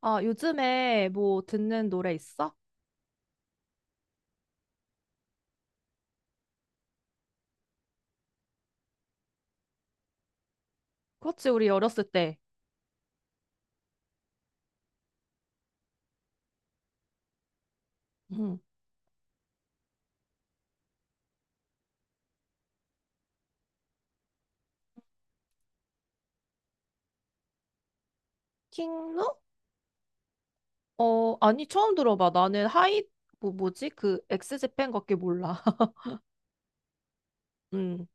아, 요즘에 뭐 듣는 노래 있어? 그렇지, 우리 어렸을 때. 응. 킹누? 어, 아니, 처음 들어봐. 나는 뭐, 뭐지? 그, 엑스제팬밖에 몰라. 응,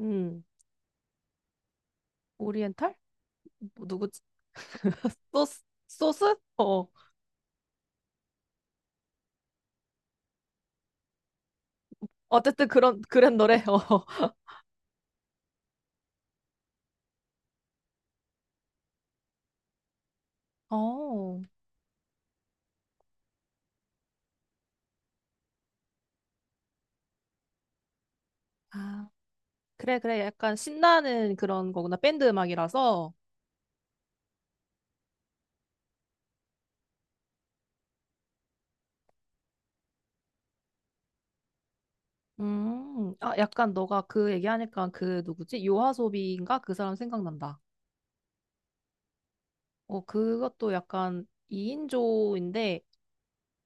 응. 오리엔탈? 뭐, 누구지? 소스? 소스? 어. 어. 어쨌든 그런 노래. 어. 어. 아, 그래, 그래. 약간 신나는 그런 거구나. 밴드 음악이라서. 아, 약간 너가 그 얘기하니까 그 누구지? 요하소비인가? 그 사람 생각난다. 어, 그것도 약간 2인조인데,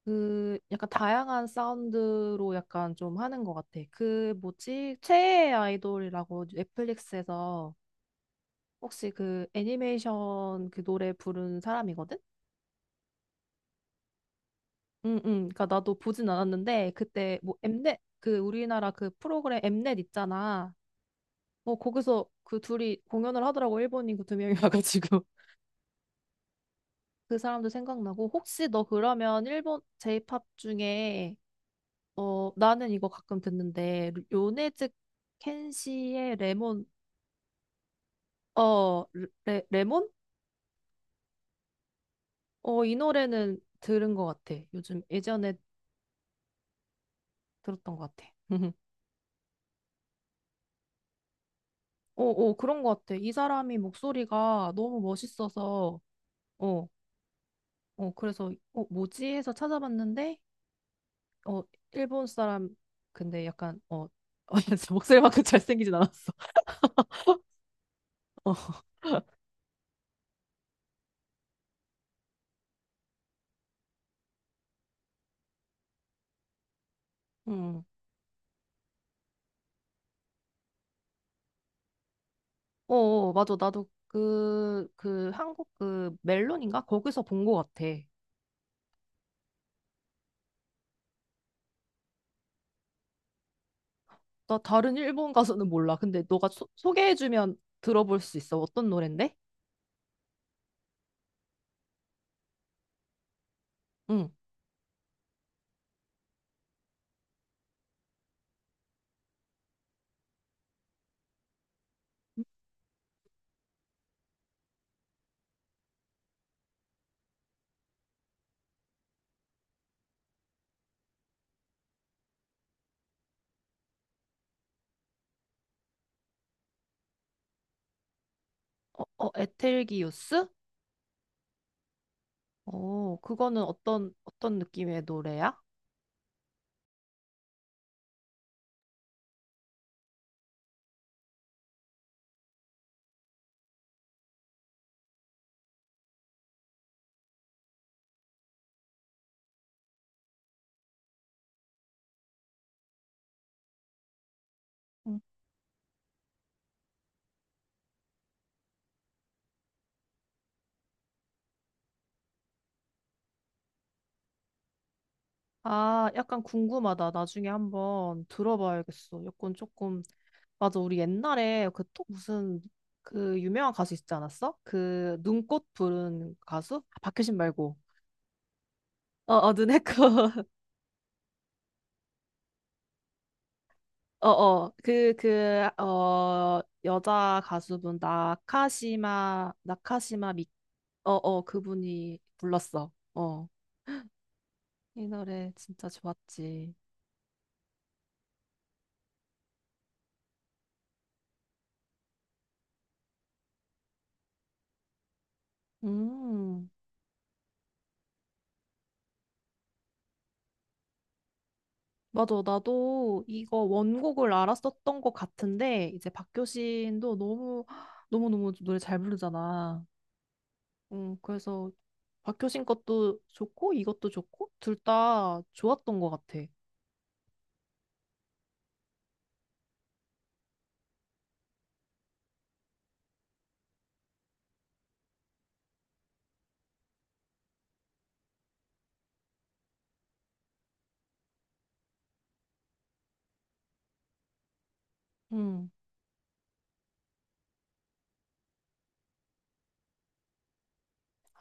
그, 약간 다양한 사운드로 약간 좀 하는 것 같아. 그, 뭐지? 최애 아이돌이라고 넷플릭스에서 혹시 그 애니메이션 그 노래 부른 사람이거든? 응, 응. 그니까 나도 보진 않았는데, 그때 뭐 엠넷, 그 우리나라 그 프로그램 엠넷 있잖아. 어, 거기서 그 둘이 공연을 하더라고. 일본인 그 두 명이 와가지고. 그 사람도 생각나고, 혹시 너 그러면 일본 제이팝 중에, 어, 나는 이거 가끔 듣는데, 요네즈 켄시의 레몬, 어, 레몬? 어, 이 노래는 들은 것 같아. 요즘 예전에 들었던 것 같아. 어, 어, 그런 것 같아. 이 사람이 목소리가 너무 멋있어서, 어, 그래서, 뭐지? 해서 찾아봤는데, 어, 일본 사람, 근데 약간, 목소리만큼 잘생기진 않았어. 어, 음. 어, 어, 맞아. 나도 그, 한국 그 멜론인가? 거기서 본 것 같아. 나 다른 일본 가수는 몰라. 근데 너가 소개해주면 들어볼 수 있어. 어떤 노랜데? 응. 어, 어, 에텔기우스? 어, 그거는 어떤, 어떤 느낌의 노래야? 응. 아, 약간 궁금하다. 나중에 한번 들어봐야겠어. 약간 조금, 맞아. 우리 옛날에 그 또 무슨 그 유명한 가수 있지 않았어? 그 눈꽃 부른 가수? 아, 박효신 말고. 어, 어, 눈의 꽃. 어어, 그, 그, 여자 가수분, 나카시마, 나카시마 미. 어어, 그분이 불렀어. 어이 노래 진짜 좋았지. 음. 맞아. 나도 이거 원곡을 알았었던 것 같은데, 이제 박효신도 너무너무 노래 잘 부르잖아. 음, 그래서 박효신 것도 좋고, 이것도 좋고, 둘 다 좋았던 것 같아. 음.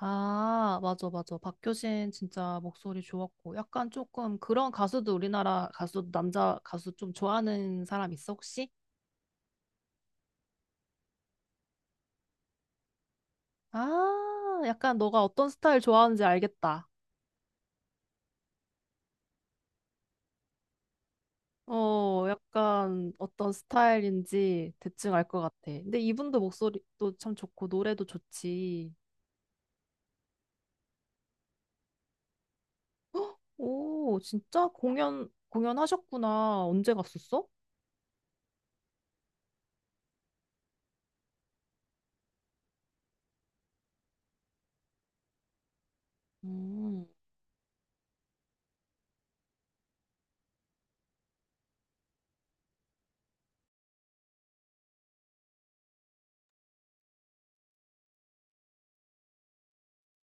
아, 맞아, 맞아. 박효신 진짜 목소리 좋았고. 약간 조금 그런 가수도, 우리나라 가수, 남자 가수 좀 좋아하는 사람 있어, 혹시? 아, 약간 너가 어떤 스타일 좋아하는지 알겠다. 어, 약간 어떤 스타일인지 대충 알 것 같아. 근데 이분도 목소리도 참 좋고, 노래도 좋지. 오, 진짜 공연하셨구나. 언제 갔었어? 음.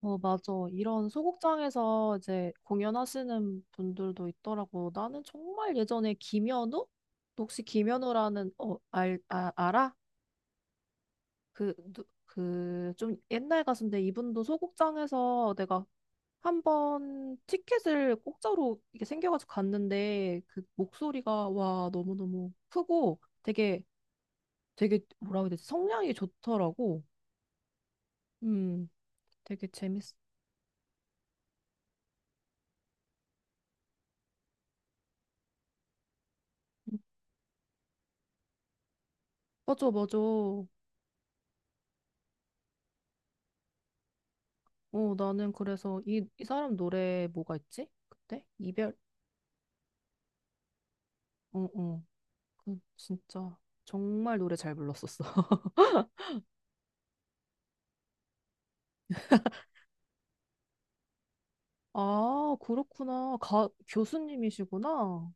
어, 맞아. 이런 소극장에서 이제 공연하시는 분들도 있더라고. 나는 정말 예전에 김현우? 너 혹시 김현우라는, 어, 알아? 그, 좀 옛날 가수인데, 이분도 소극장에서 내가 한번 티켓을 공짜로 이게 생겨가지고 갔는데, 그 목소리가 와, 너무너무 크고 되게 뭐라고 해야 되지? 성량이 좋더라고. 음, 되게 재밌어. 맞아, 맞아. 어, 나는 그래서 이 사람 노래 뭐가 있지? 그때? 이별? 어, 어. 그 진짜 정말 노래 잘 불렀었어. 아, 그렇구나. 교수님이시구나.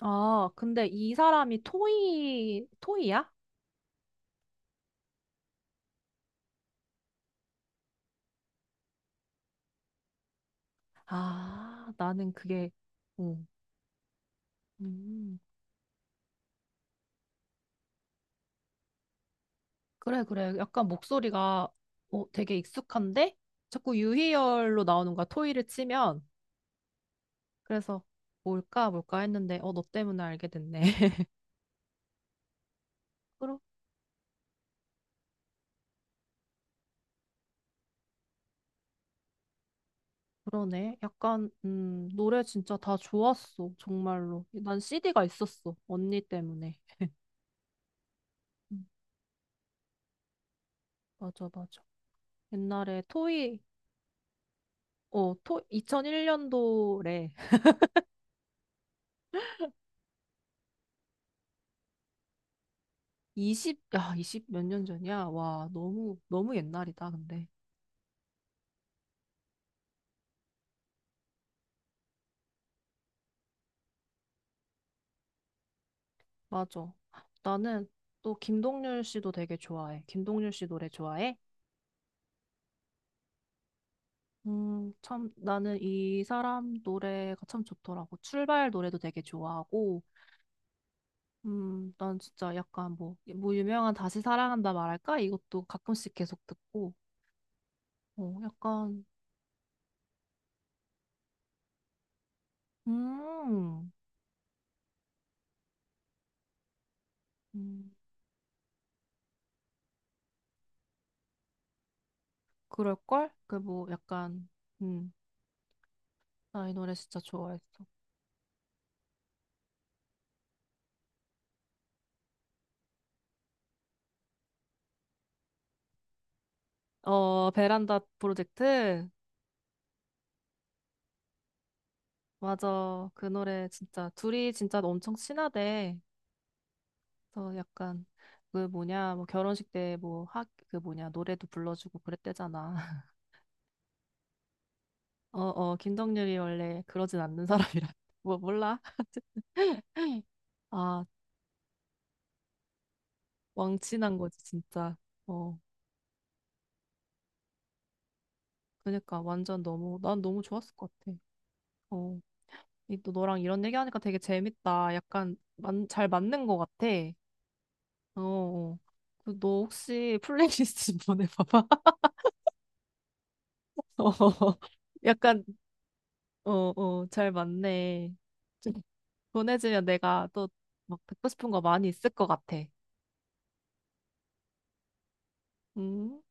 아, 근데 이 사람이 토이야? 아, 나는 그게, 어. 음, 그래, 그래. 약간 목소리가, 어, 되게 익숙한데? 자꾸 유희열로 나오는 거야, 토이를 치면. 그래서 뭘까, 뭘까 했는데, 어, 너 때문에 알게 됐네. 그럼. 그러네. 약간, 노래 진짜 다 좋았어. 정말로. 난 CD가 있었어. 언니 때문에. 음, 맞아, 맞아. 옛날에 토이, 어, 2001년도래. 20, 야, 20 몇 년 전이야? 와, 너무, 너무 옛날이다, 근데. 맞아. 나는 또 김동률 씨도 되게 좋아해. 김동률 씨 노래 좋아해? 참, 나는 이 사람 노래가 참 좋더라고. 출발 노래도 되게 좋아하고, 난 진짜 약간 뭐, 유명한 다시 사랑한다 말할까? 이것도 가끔씩 계속 듣고, 어, 약간, 음, 음, 그럴걸? 그 뭐, 약간, 음, 나 이 노래 진짜 좋아했어. 어, 베란다 프로젝트? 맞아. 그 노래 진짜, 둘이 진짜 엄청 친하대. 그래서 약간, 그 뭐냐, 뭐 결혼식 때 뭐, 그 뭐냐, 노래도 불러주고 그랬대잖아. 어, 어, 김덕률이 원래 그러진 않는 사람이라. 뭐, 몰라? 아, 왕친한 거지, 진짜. 어, 그러니까 완전 너무, 난 너무 좋았을 것 같아. 어, 이 또 너랑 이런 얘기하니까 되게 재밌다. 약간 잘 맞는 것 같아. 어, 어. 그너 혹시 플레이리스트 좀 보내봐봐. 어, 약간, 어, 어, 잘 맞네. 좀 보내주면 내가 또 막 듣고 싶은 거 많이 있을 것 같아. 음.